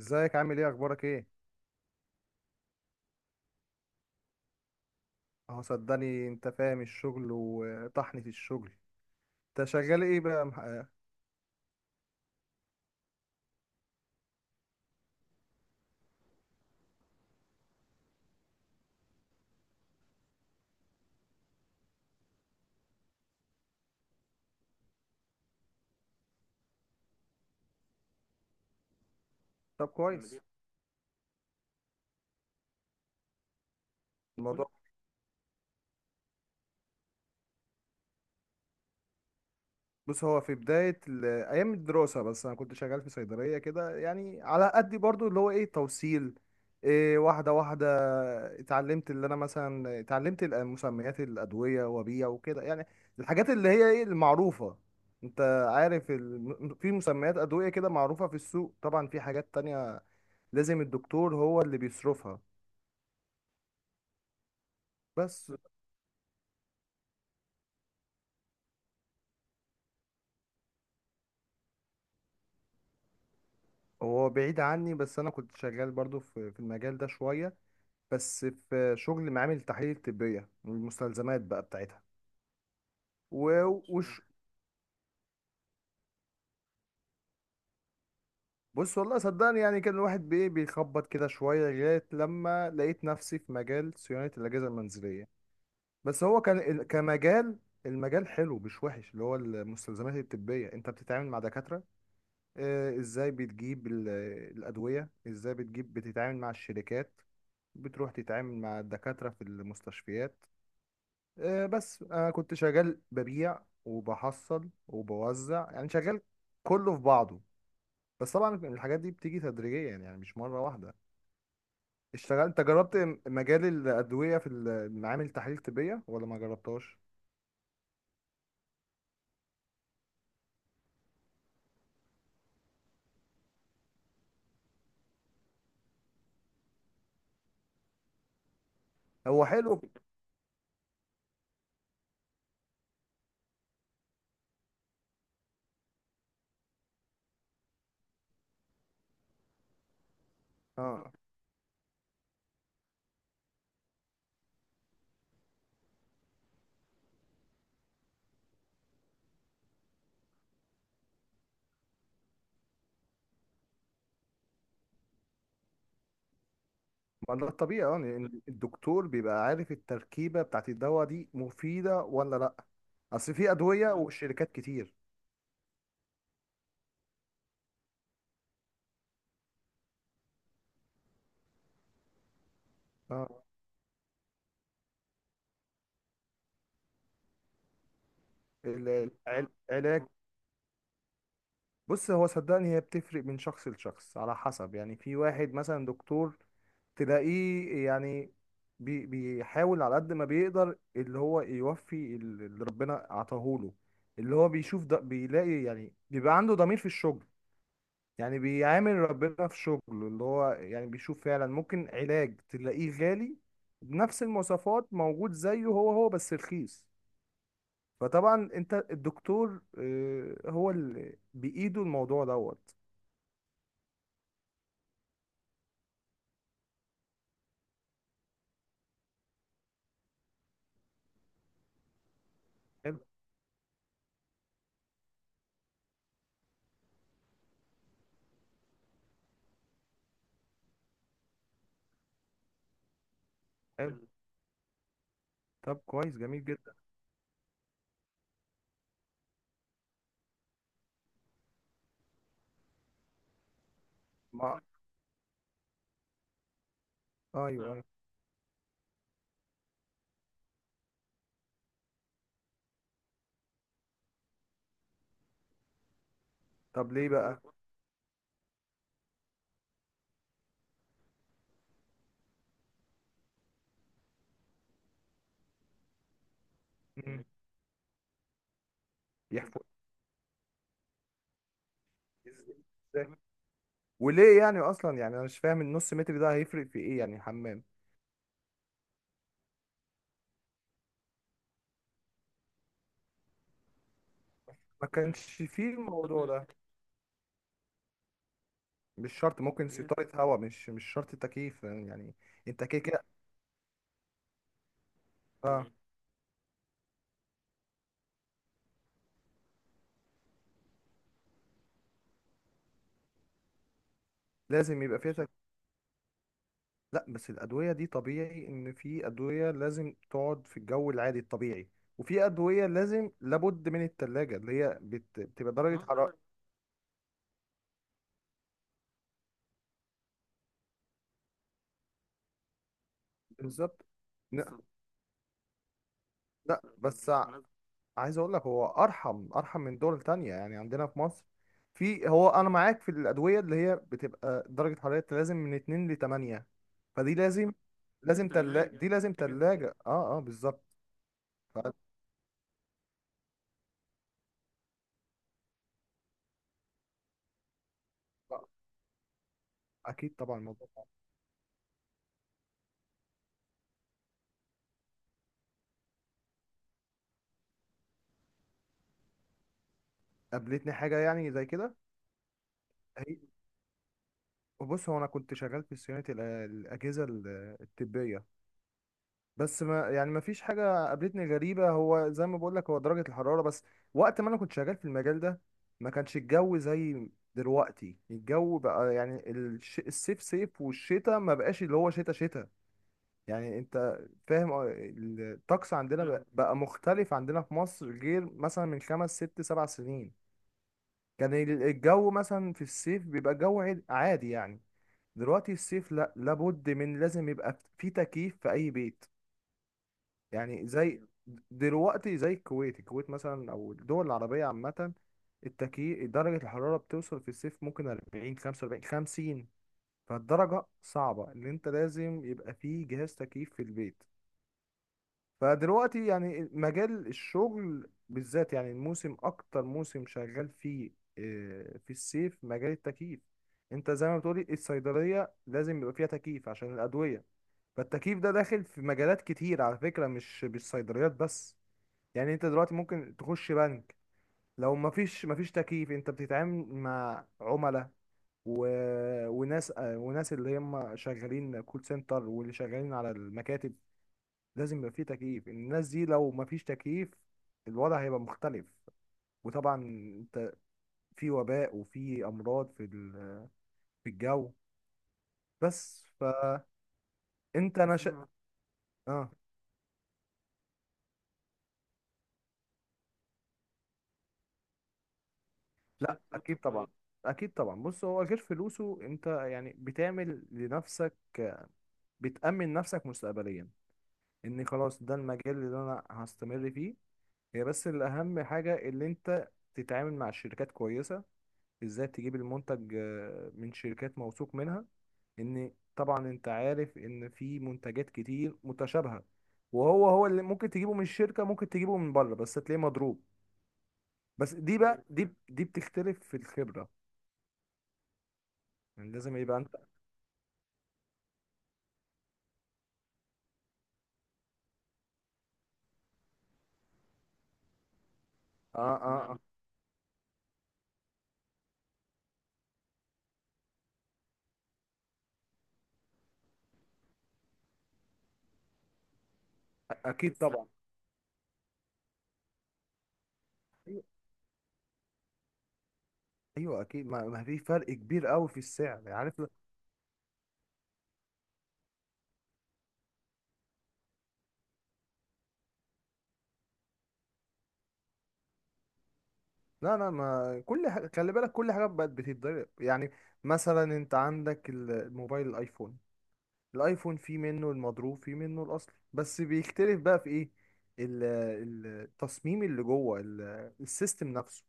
ازيك؟ عامل ايه؟ اخبارك ايه؟ اهو صدقني انت فاهم الشغل وطحني في الشغل. انت شغال ايه بقى طب كويس. الموضوع، بص، هو في بداية ايام الدراسة بس انا كنت شغال في صيدلية كده، يعني على قد برضو اللي هو ايه، توصيل. إيه؟ واحدة واحدة اتعلمت، اللي انا مثلا اتعلمت مسميات الادوية وبيع وكده يعني. الحاجات اللي هي ايه المعروفة، انت عارف في مسميات ادوية كده معروفة في السوق. طبعا في حاجات تانية لازم الدكتور هو اللي بيصرفها. بس هو بعيد عني. بس انا كنت شغال برضو في المجال ده شوية. بس في شغل معامل التحاليل الطبية، المستلزمات بقى بتاعتها. وش؟ بص والله صدقني، يعني كان الواحد بإيه، بيخبط كده شوية، لغاية لما لقيت نفسي في مجال صيانة الأجهزة المنزلية. بس هو كان كمجال، المجال حلو مش وحش، اللي هو المستلزمات الطبية. انت بتتعامل مع دكاترة، ازاي بتجيب الأدوية، ازاي بتجيب، بتتعامل مع الشركات، بتروح تتعامل مع الدكاترة في المستشفيات. بس أنا كنت شغال ببيع وبحصل وبوزع يعني، شغال كله في بعضه. بس طبعا الحاجات دي بتيجي تدريجيا يعني مش مرة واحدة. اشتغلت، انت جربت مجال الأدوية في معامل تحاليل طبية ولا ما جربتهاش؟ هو حلو. اه، ما ده الطبيعي، اه، لأن الدكتور بيبقى عارف التركيبة بتاعت الدواء دي مفيدة ولا لأ. أصل في أدوية وشركات كتير. اه، العلاج. بص هو صدقني، هي بتفرق من شخص لشخص على حسب. يعني في واحد مثلا دكتور تلاقيه يعني بيحاول على قد ما بيقدر اللي هو يوفي اللي ربنا عطاهوله. اللي هو بيشوف ده بيلاقي، يعني بيبقى عنده ضمير في الشغل، يعني بيعامل ربنا في شغله. اللي هو يعني بيشوف فعلا ممكن علاج تلاقيه غالي بنفس المواصفات موجود زيه، هو هو بس رخيص. فطبعا انت الدكتور، هو اللي بإيده الموضوع دوت. حلو. طب كويس، جميل جدا. ما ايوه ايوه. طب ليه بقى؟ مم. يحفر ازاي؟ إزاي؟ وليه يعني اصلا؟ يعني انا مش فاهم النص متر ده هيفرق في ايه يعني الحمام؟ ما كانش فيه الموضوع ده. مش شرط، ممكن سيطرة هواء، مش شرط تكييف يعني. انت كده كده. اه. لازم يبقى فيها تكييف. لا، بس الادوية دي طبيعي ان في ادوية لازم تقعد في الجو العادي الطبيعي، وفي ادوية لازم، لابد من التلاجة، اللي هي بتبقى درجة حرارة. بالظبط. لا لا. بس عايز اقول لك، هو ارحم ارحم من دول تانية. يعني عندنا في مصر في، هو انا معاك في الادويه اللي هي بتبقى درجه حرارتها لازم من 2 ل 8. فدي لازم، لازم تلا دي لازم تلاجة، اه اه، بالظبط. ف- اكيد طبعا الموضوع قابلتني حاجه يعني زي كده. هي، بص، هو انا كنت شغال في صيانه الاجهزه الطبيه. بس ما يعني ما فيش حاجة قابلتني غريبة. هو زي ما بقول لك، هو درجة الحرارة بس. وقت ما انا كنت شغال في المجال ده ما كانش الجو زي دلوقتي. الجو بقى يعني الصيف صيف والشتاء ما بقاش اللي هو شتاء شتاء. يعني انت فاهم، اه. الطقس عندنا بقى، بقى مختلف عندنا في مصر غير مثلا من خمس ست سبع سنين. كان الجو مثلا في الصيف بيبقى جو عادي يعني. دلوقتي الصيف لا، لابد من لازم يبقى في تكييف في اي بيت. يعني زي دلوقتي زي الكويت، الكويت مثلا او الدول العربية عامة، التكييف، درجة الحرارة بتوصل في الصيف ممكن 40 45 50. فالدرجة صعبة، اللي انت لازم يبقى فيه جهاز تكييف في البيت. فدلوقتي يعني مجال الشغل بالذات، يعني الموسم اكتر موسم شغال فيه في الصيف مجال التكييف. انت زي ما بتقولي الصيدلية لازم يبقى فيها تكييف عشان الأدوية. فالتكييف ده داخل في مجالات كتير على فكرة، مش صيدليات بس. يعني انت دلوقتي ممكن تخش بنك، لو مفيش تكييف، انت بتتعامل مع عملاء و... وناس، وناس اللي هم شغالين كول سنتر واللي شغالين على المكاتب، لازم يبقى فيه تكييف. الناس دي لو مفيش تكييف الوضع هيبقى مختلف. وطبعا انت في وباء وفي امراض في الجو. بس فانت، انا ش... اه. شايف، لا اكيد طبعا كويسة، اكيد طبعا. بص هو غير فلوسه، انت يعني بتعمل لنفسك، بتأمن نفسك مستقبليا، اني خلاص ده المجال اللي انا هستمر فيه. هي بس الاهم حاجة اللي انت تتعامل مع شركات كويسة، ازاي تجيب المنتج، من شركات موثوق منها. ان طبعا انت عارف ان في منتجات كتير متشابهة، وهو هو اللي ممكن تجيبه من الشركة ممكن تجيبه من بره بس تلاقيه مضروب. بس دي بقى، دي بتختلف في الخبرة. يعني لازم يبقى انت، اه اه، آه. اكيد طبعا. ايوه. أيوة اكيد. ما في فرق كبير قوي في السعر، عارف. لا لا، ما كل حاجة، خلي بالك، كل حاجة بقت بتتضرب يعني. مثلا انت عندك الموبايل، الايفون. الايفون في منه المضروب في منه الاصلي، بس بيختلف بقى في ايه، التصميم اللي جوه السيستم نفسه.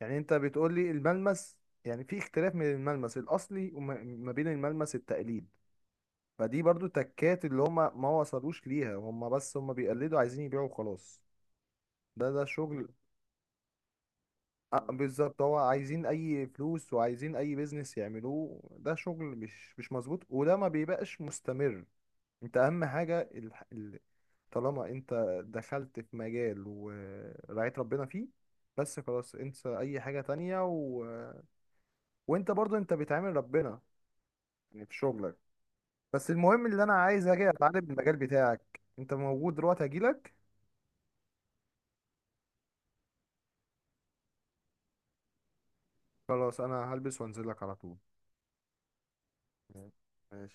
يعني انت بتقول لي الملمس، يعني في اختلاف من الملمس الاصلي وما ما بين الملمس التقليد. فدي برضو تكات اللي هما ما وصلوش ليها هما، بس هما بيقلدوا عايزين يبيعوا وخلاص. ده ده شغل، بالظبط. هو عايزين اي فلوس وعايزين اي بيزنس يعملوه. ده شغل مش مظبوط وده ما بيبقاش مستمر. انت اهم حاجة طالما انت دخلت في مجال ورعيت ربنا فيه، بس خلاص، انسى اي حاجة تانية، وانت برضو انت بتعامل ربنا يعني في شغلك. بس المهم، اللي انا عايز اجي اتعلم المجال بتاعك، انت موجود دلوقتي؟ هجيلك. خلاص انا هلبس وانزلك على طول. ماشي.